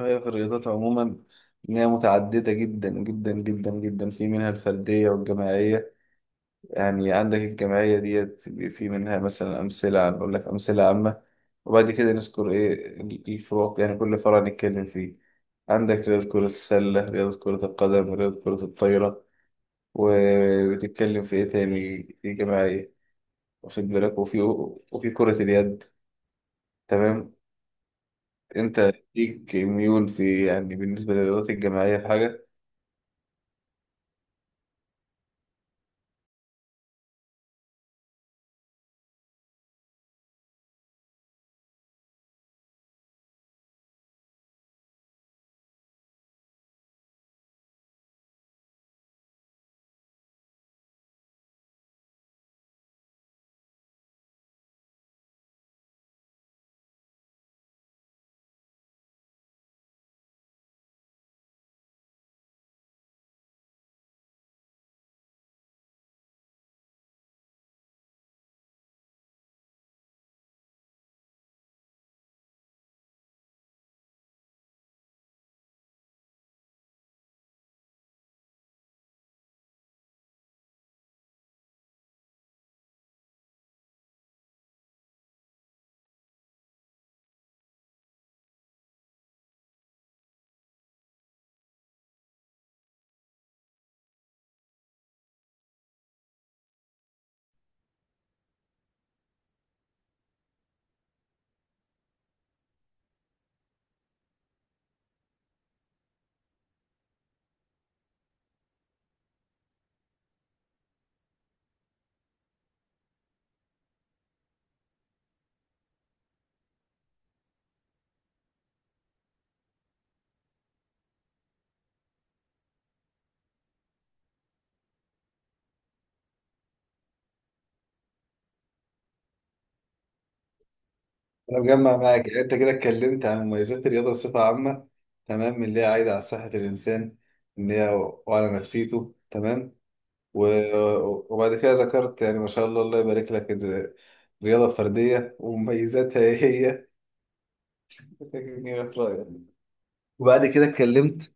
هي في الرياضات عموما، إن هي متعددة جدا جدا جدا جدا، في منها الفردية والجماعية. يعني عندك الجماعية ديت، في منها مثلا أمثلة، أقول لك أمثلة عامة، وبعد كده نذكر إيه الفروق، يعني كل فرع نتكلم فيه. عندك رياضة كرة السلة، رياضة كرة القدم، رياضة كرة الطايرة. وبتتكلم في إيه تاني في جماعية؟ واخد بالك؟ وفي كرة اليد. تمام. أنت ليك ميول، في يعني بالنسبة للرياضات الجماعية في حاجة؟ انا مجمع معاك. يعني انت كده اتكلمت عن مميزات الرياضه بصفه عامه، تمام، من اللي هي عايده على صحه الانسان، ان هي، وعلى نفسيته. تمام. و- وبعد كده ذكرت، يعني ما شاء الله، الله يبارك لك، الرياضه الفرديه ومميزاتها ايه هي. إيه رأيك؟ وبعد كده اتكلمت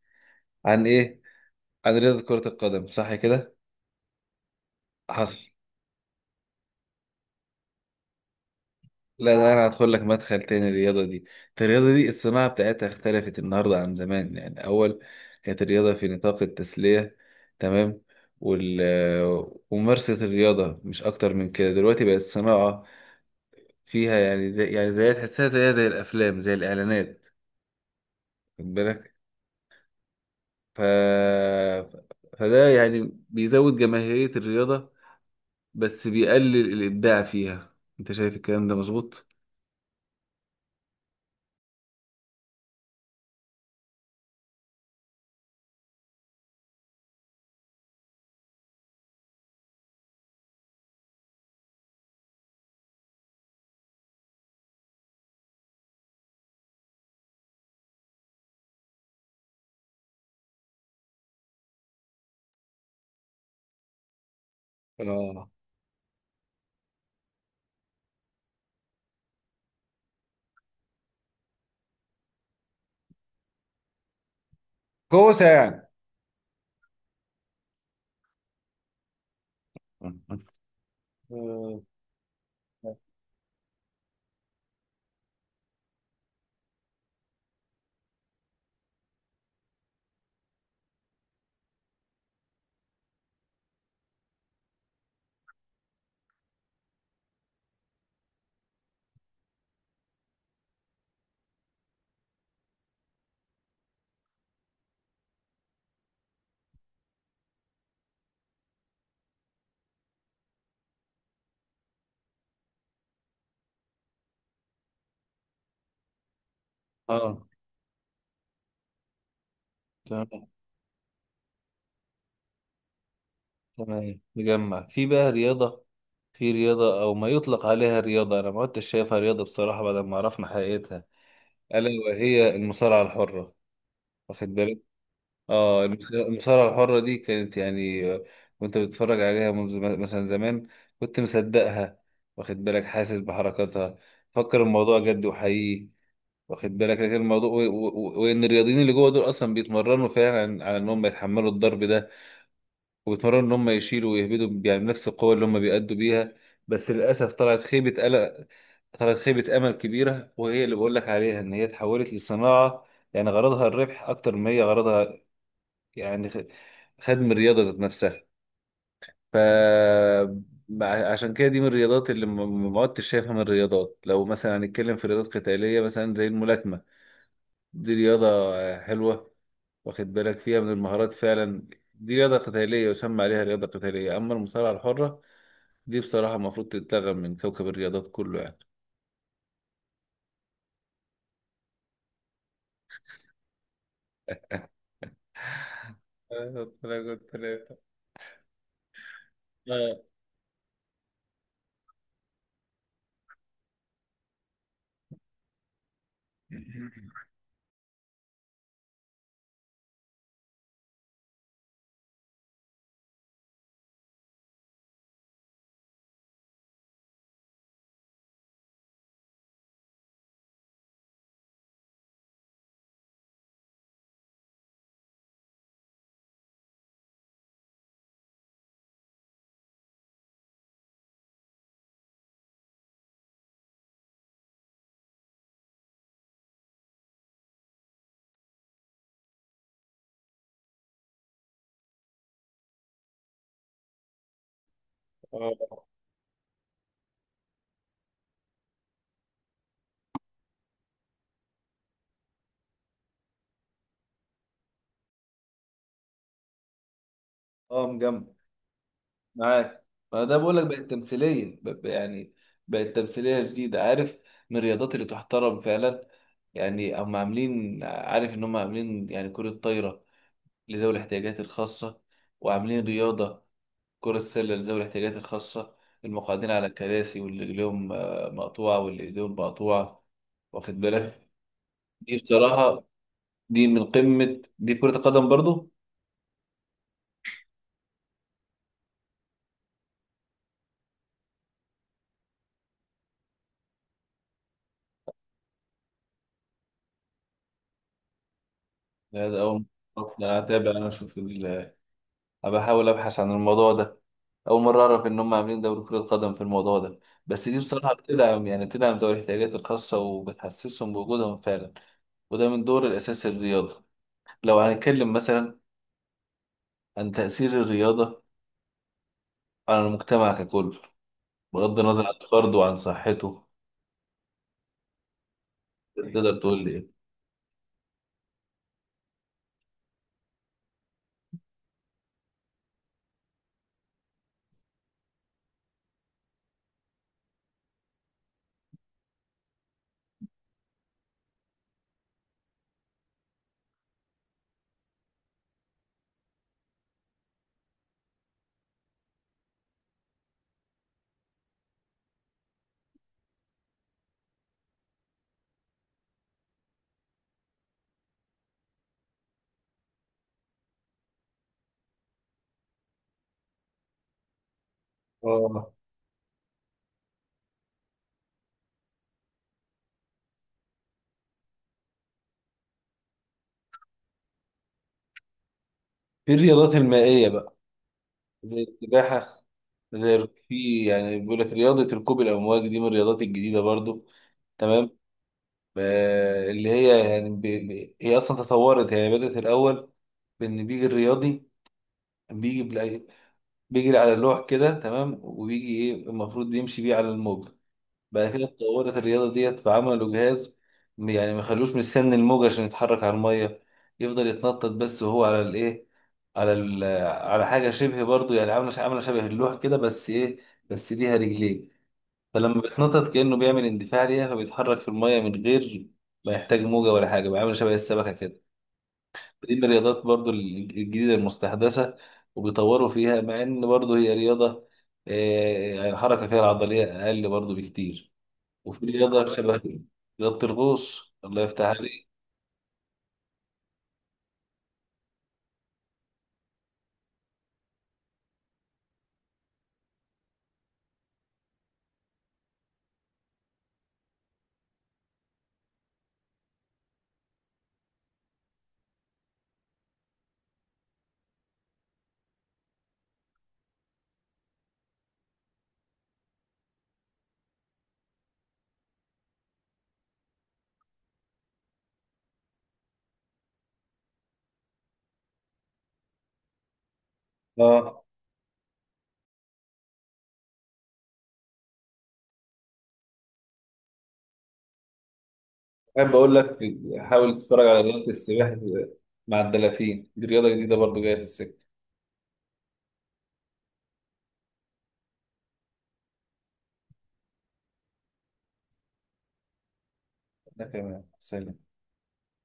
عن ايه؟ عن رياضه كره القدم، صح كده؟ حصل. لا، ده انا هدخل لك مدخل تاني. الرياضه دي، الرياضه دي الصناعه بتاعتها اختلفت النهارده عن زمان. يعني اول كانت الرياضه في نطاق التسليه، تمام، وال وممارسه الرياضه مش اكتر من كده، دلوقتي بقت الصناعه فيها، يعني زي تحسها، زيها زي الافلام زي الاعلانات. خد بالك. ف فده يعني بيزود جماهيريه الرياضه، بس بيقلل الابداع فيها. انت شايف الكلام ده مظبوط؟ اه. كوسه يعني. آه. اه. تمام. تمام، نجمع في بقى رياضة، في رياضة أو ما يطلق عليها رياضة، أنا ما كنتش شايفها رياضة بصراحة بعد ما عرفنا حقيقتها، ألا وهي المصارعة الحرة. واخد بالك؟ اه، المصارعة الحرة دي كانت يعني، وأنت بتتفرج عليها منذ، مثلا زمان كنت مصدقها، واخد بالك، حاسس بحركاتها، فكر الموضوع جد وحقيقي. واخد بالك، لكن الموضوع وإن الرياضيين اللي جوه دول أصلا بيتمرنوا فعلا على إنهم يتحملوا الضرب ده، وبيتمرنوا ان هم يشيلوا ويهبدوا يعني بنفس القوه اللي هم بيأدوا بيها. بس للاسف طلعت خيبه قلق، طلعت خيبه امل كبيره، وهي اللي بقول لك عليها ان هي اتحولت لصناعه، يعني غرضها الربح اكتر ما هي غرضها، يعني خدم الرياضه ذات نفسها. ف عشان كده دي من الرياضات اللي ما عدتش شايفها من الرياضات. لو مثلا هنتكلم في رياضات قتاليه، مثلا زي الملاكمه، دي رياضه حلوه، واخد بالك فيها من المهارات فعلا، دي رياضة قتالية يسمى عليها رياضة قتالية. أما المصارعة الحرة دي، بصراحة المفروض تتلغى من كوكب الرياضات كله يعني. ثلاثة ثلاثة ثلاثة. آه. اه. اه مجمع معاك. ما ده بقول لك بقت تمثيليه يعني بقت تمثيليه جديده، عارف، من الرياضات اللي تحترم فعلا. يعني هم عاملين، عارف، ان هم عاملين يعني كره طايره لذوي الاحتياجات الخاصه، وعاملين رياضه كره السله لذوي الاحتياجات الخاصه، المقعدين على الكراسي واللي رجليهم مقطوعه واللي ايديهم مقطوعه، واخد بالك. دي بصراحه، دي من قمة، دي في كرة القدم برضو. لا، ده أول مرة أعرف. أنا هتابع، أنا أشوف بحاول أبحث عن الموضوع ده. أول مرة أعرف إن هم عاملين دوري كرة قدم في الموضوع ده. بس دي بصراحة بتدعم ذوي الاحتياجات الخاصة، وبتحسسهم بوجودهم فعلا، وده من دور الأساسي للرياضة. لو هنتكلم مثلا عن تأثير الرياضة على المجتمع ككل، بغض النظر عن فرده وعن صحته، تقدر تقول لي إيه؟ اه. في الرياضات المائية بقى، زي السباحة، زي في يعني بيقول لك رياضة ركوب الأمواج، دي من الرياضات الجديدة برضو. تمام. اللي هي يعني، هي أصلا تطورت، يعني بدأت الأول بإن بيجي الرياضي، بيجي بيجري على اللوح كده، تمام، وبيجي إيه المفروض يمشي بيه على الموج. بعد كده اتطورت الرياضة ديت فعملوا جهاز، يعني ما خلوش مستني الموج عشان يتحرك على المية، يفضل يتنطط بس وهو على الإيه، على على حاجة شبه، برضو يعني عاملة عاملة شبه اللوح كده، بس إيه، بس ليها رجلين. فلما بيتنطط كأنه بيعمل اندفاع ليها فبيتحرك في المية من غير ما يحتاج موجة ولا حاجة، بيعمل شبه السمكة كده. دي من الرياضات برضو الجديدة المستحدثة، وبيطوروا فيها مع إن برضو هي رياضة، آه، يعني الحركة فيها العضلية أقل برضو بكتير. وفي رياضة شبه، رياضة الغوص، الله يفتح عليك. اه. أحب أقول لك، حاول تتفرج على رياضة السباحة مع الدلافين، دي رياضة جديدة برضو جاية في السكة. ده كمان سلام.